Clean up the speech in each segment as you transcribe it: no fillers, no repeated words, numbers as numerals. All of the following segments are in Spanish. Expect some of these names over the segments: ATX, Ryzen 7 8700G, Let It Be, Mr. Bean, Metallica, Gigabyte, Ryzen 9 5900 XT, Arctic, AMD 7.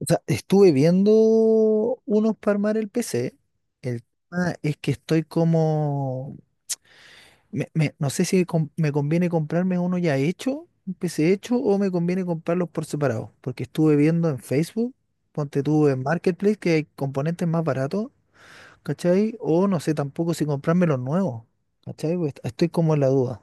O sea, estuve viendo unos para armar el PC. El tema es que estoy como... no sé si me conviene comprarme uno ya hecho, un PC hecho, o me conviene comprarlos por separado. Porque estuve viendo en Facebook, ponte tú en Marketplace, que hay componentes más baratos, ¿cachai? O no sé tampoco si comprarme los nuevos, ¿cachai? Pues estoy como en la duda.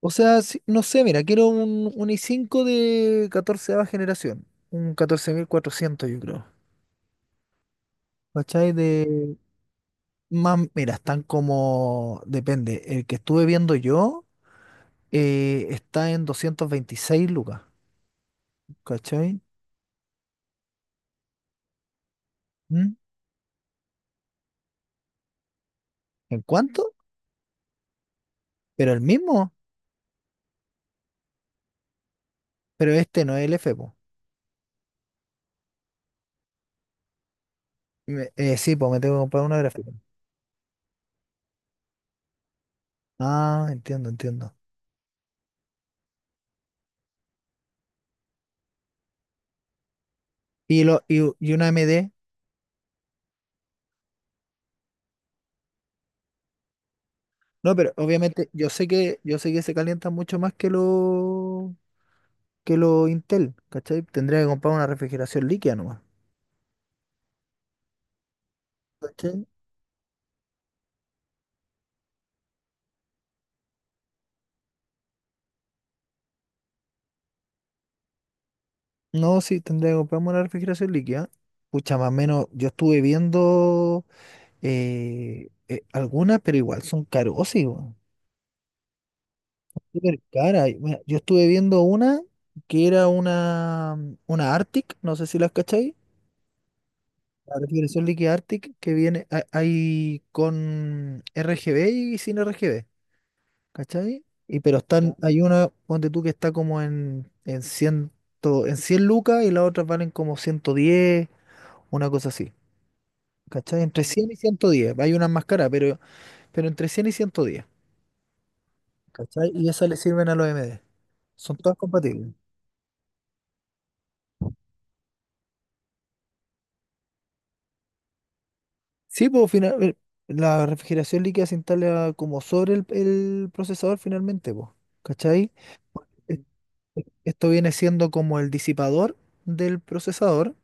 O sea, no sé, mira, quiero un i5 de catorceava generación. Un 14400, yo creo. ¿Cachai? De más, mira, están como, depende, el que estuve viendo yo está en 226 lucas, ¿cachai? ¿Mm? ¿En cuánto? Pero el mismo, pero este no es el F, po. Sí, pues me tengo que comprar una gráfica. Ah, entiendo, entiendo. Y, lo, y, y una AMD. No, pero obviamente yo sé que se calientan mucho más que lo Intel, ¿cachai? Tendría que comprar una refrigeración líquida nomás. No, sí, tendría que comprarme una refrigeración líquida. Pucha, más o menos, yo estuve viendo algunas, pero igual son carosísimas. Súper cara. Y, mira, yo estuve viendo una que era una una Arctic, no sé si las cacháis. La refrigeración líquida Arctic que viene ahí con RGB y sin RGB, ¿cachai? Y pero están, ya, hay una, ponte tú, que está como en 100, en 100 lucas y las otras valen como 110, una cosa así. ¿Cachai? Entre 100 y 110, hay unas más caras, pero entre 100 y 110. ¿Cachai? Y esas le sirven a los MD. Son todas compatibles. Sí, pues final, la refrigeración líquida se instala como sobre el procesador finalmente, pues. ¿Cachai? E- Esto viene siendo como el disipador del procesador.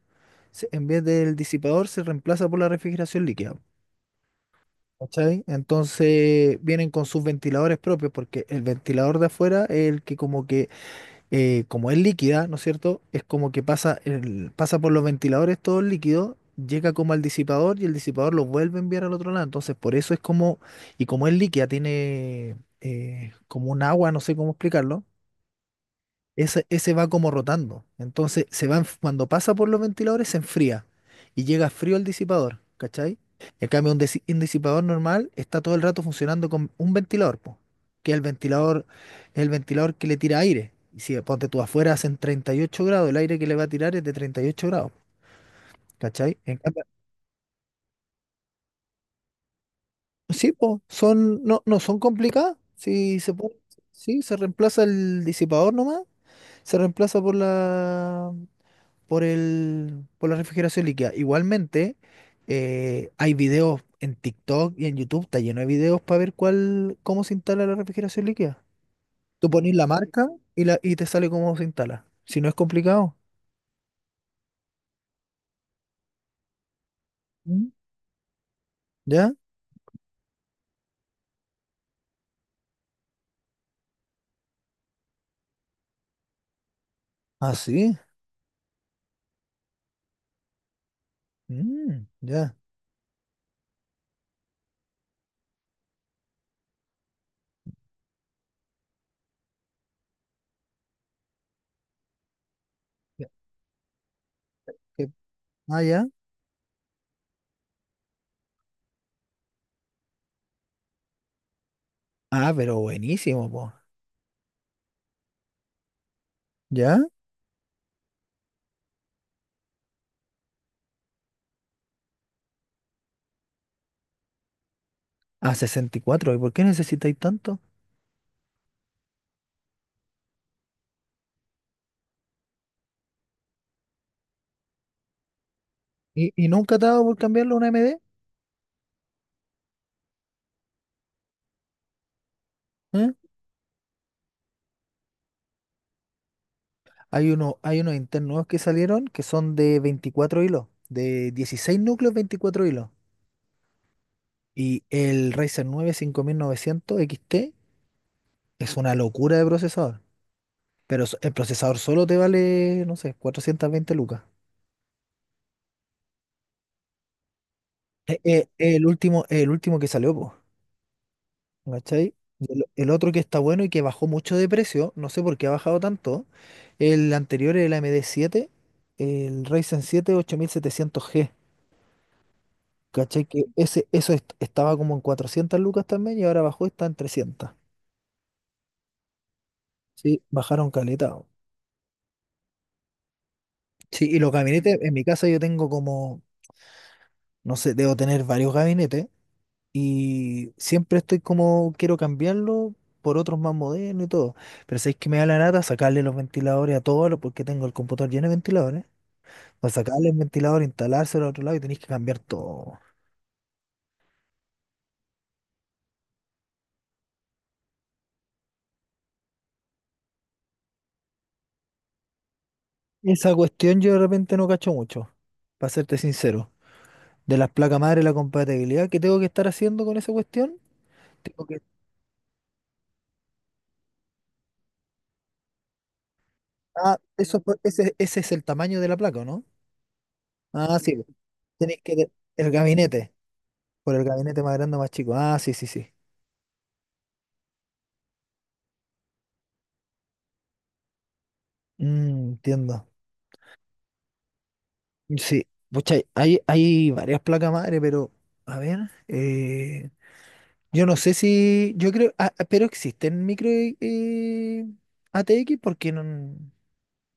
En vez del disipador se reemplaza por la refrigeración líquida. ¿Cachai? Entonces vienen con sus ventiladores propios porque el ventilador de afuera es el que como es líquida, ¿no es cierto? Es como que pasa, pasa por los ventiladores todo el líquido, llega como al disipador y el disipador lo vuelve a enviar al otro lado. Entonces, por eso es como, y como es líquida, tiene como un agua, no sé cómo explicarlo, ese va como rotando. Entonces, se va, cuando pasa por los ventiladores, se enfría y llega frío el disipador, ¿cachai? En cambio, un, un disipador normal está todo el rato funcionando con un ventilador, po, que es el ventilador que le tira aire. Y si ponte tú afuera hacen 38 grados, el aire que le va a tirar es de 38 grados, ¿cachai? En cambio, sí, po, son, no, no son complicadas. Sí, se puede, sí, se reemplaza el disipador nomás, se reemplaza por la. Por el, por la refrigeración líquida. Igualmente, hay videos en TikTok y en YouTube, está lleno de videos para ver cuál, cómo se instala la refrigeración líquida. Tú pones la marca y, la, y te sale cómo se instala. Si no es complicado. Mm. ¿Ya? Ah, sí. Mm, ya. Ya. Eh, Ah, ya. Ah, pero buenísimo, po. ¿Ya? A sesenta ¿ cuatro. Y por qué necesitáis tanto? Y nunca te ha dado por cambiarlo a una MD? Hay uno, hay unos internos nuevos que salieron que son de 24 hilos, de 16 núcleos, 24 hilos. Y el Ryzen 9 5900 XT es una locura de procesador. Pero el procesador solo te vale, no sé, 420 lucas. El último, el último que salió, pues, ¿cachai? Y el otro que está bueno y que bajó mucho de precio, no sé por qué ha bajado tanto, el anterior, el AMD 7, el Ryzen 7 8700G. ¿Cachai? Que ese, estaba como en 400 lucas también y ahora bajó, está en 300. Sí, bajaron caleta. Sí, y los gabinetes, en mi casa yo tengo como, no sé, debo tener varios gabinetes y siempre estoy como, quiero cambiarlo por otros más modernos y todo. Pero sabéis que me da la nata sacarle los ventiladores a porque tengo el computador lleno de ventiladores. Para sacarle el ventilador, instalárselo al otro lado y tenéis que cambiar todo. Esa cuestión yo de repente no cacho mucho, para serte sincero. De las placas madre, la compatibilidad que tengo que estar haciendo con esa cuestión. Tengo que... Ah, eso, ese es el tamaño de la placa, ¿o no? Ah, sí, po. Tenéis que... El gabinete, por el gabinete más grande o más chico. Ah, sí, sí, sí. Mm, entiendo. Sí. Pucha, hay varias placas madre, pero a ver, eh, yo no sé si, yo creo, pero existen micro ATX porque no,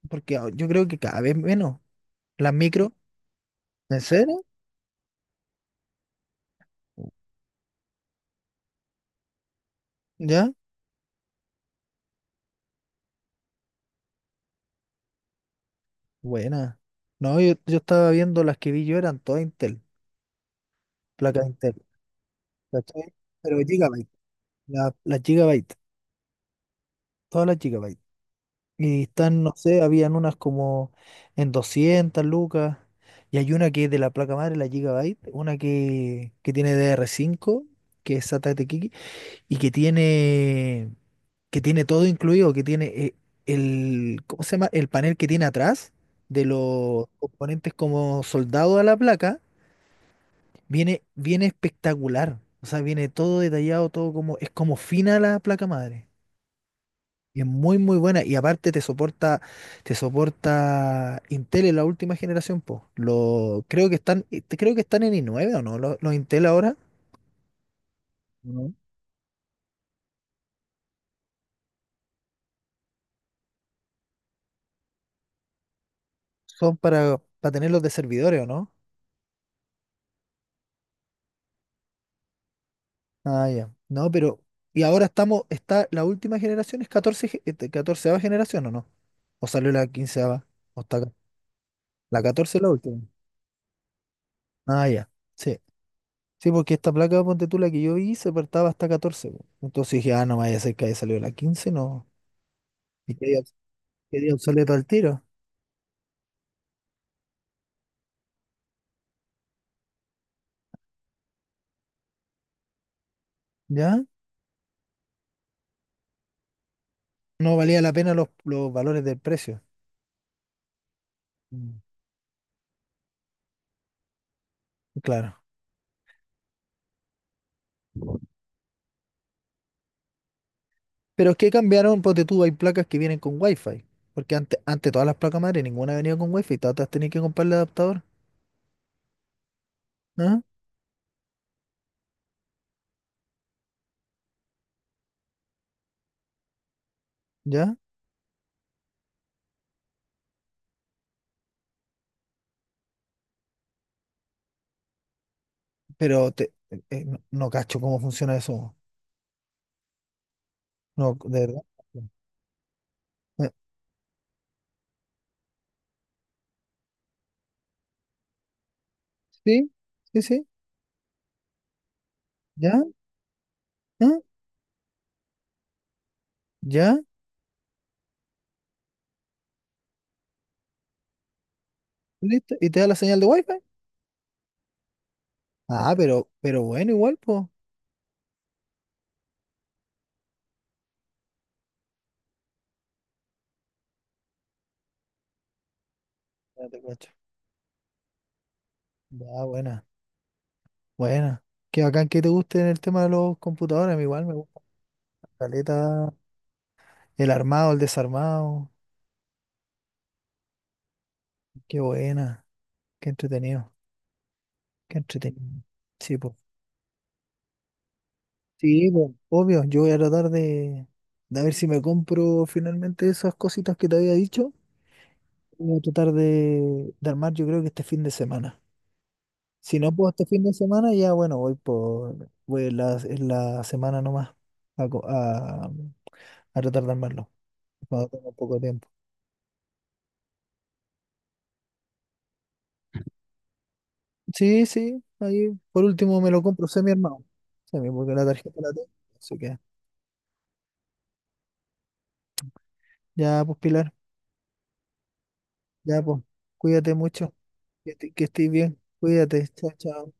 porque yo creo que cada vez menos las micro, ¿en serio? ¿Ya? Buena. No, yo estaba viendo las que vi yo, eran todas Intel, placas Intel, ¿cachai? Pero Gigabyte, las Gigabyte, todas las Gigabyte. Y están, no sé, habían unas como en 200 lucas, y hay una que es de la placa madre, la Gigabyte, una que tiene dr cinco que es SATA de Kiki, y que tiene todo incluido, que tiene el, ¿cómo se llama? El panel que tiene atrás de los componentes como soldado a la placa. Viene, viene espectacular. O sea, viene todo detallado, todo como, es como fina la placa madre. Y es muy, muy buena. Y aparte te soporta Intel en la última generación, po. Lo, creo que están en i9 o no. Los Intel ahora no son para tenerlos de servidores o no. Ah, ya. No, pero, y ahora estamos, está, la última generación es 14 este, 14 generación o no. O salió la quinceava. O está, la 14 es la última. Ah, ya. Sí. Sí, porque esta placa, ponte tú, la que yo vi, se partaba hasta 14, po. Entonces dije, ah, no vaya a ser que haya salido la 15, no. Y quedé, quedé obsoleto al tiro, ¿ya? No valía la pena los valores del precio. Mm. Claro. Pero es que cambiaron, ponte tú, hay placas que vienen con Wi-Fi. Porque antes, antes todas las placas madre, ninguna venía con Wi-Fi, todas las tenías que comprar el adaptador. ¿Ah? ¿Ya? Pero te, no, no cacho cómo funciona eso. No, de verdad. Eh, Sí, sí, sí. ¿Ya? ¿Ah? ¿Ya? ¿Listo? ¿Y te da la señal de Wi-Fi? Ah, pero bueno, igual, pues. Ya te cacho. Ya, buena, buena. Qué bacán que te guste el tema de los computadores. A mí igual me gusta caleta. El armado, el desarmado. Qué buena. Qué entretenido. Qué entretenido. Sí, pues. Sí, pues. Obvio, yo voy a tratar de ver si me compro finalmente esas cositas que te había dicho. Voy a tratar de armar, yo creo que este fin de semana. Si no puedo este fin de semana, ya bueno, voy por, voy en la semana nomás a, a retardar más no, cuando tenga poco tiempo. Sí, sí, ahí por último me lo compro semi armado. Semi, porque la tarjeta la tengo. Así que ya, pues, Pilar, ya, pues, cuídate mucho, que, que estés bien, cuídate, chao, chao.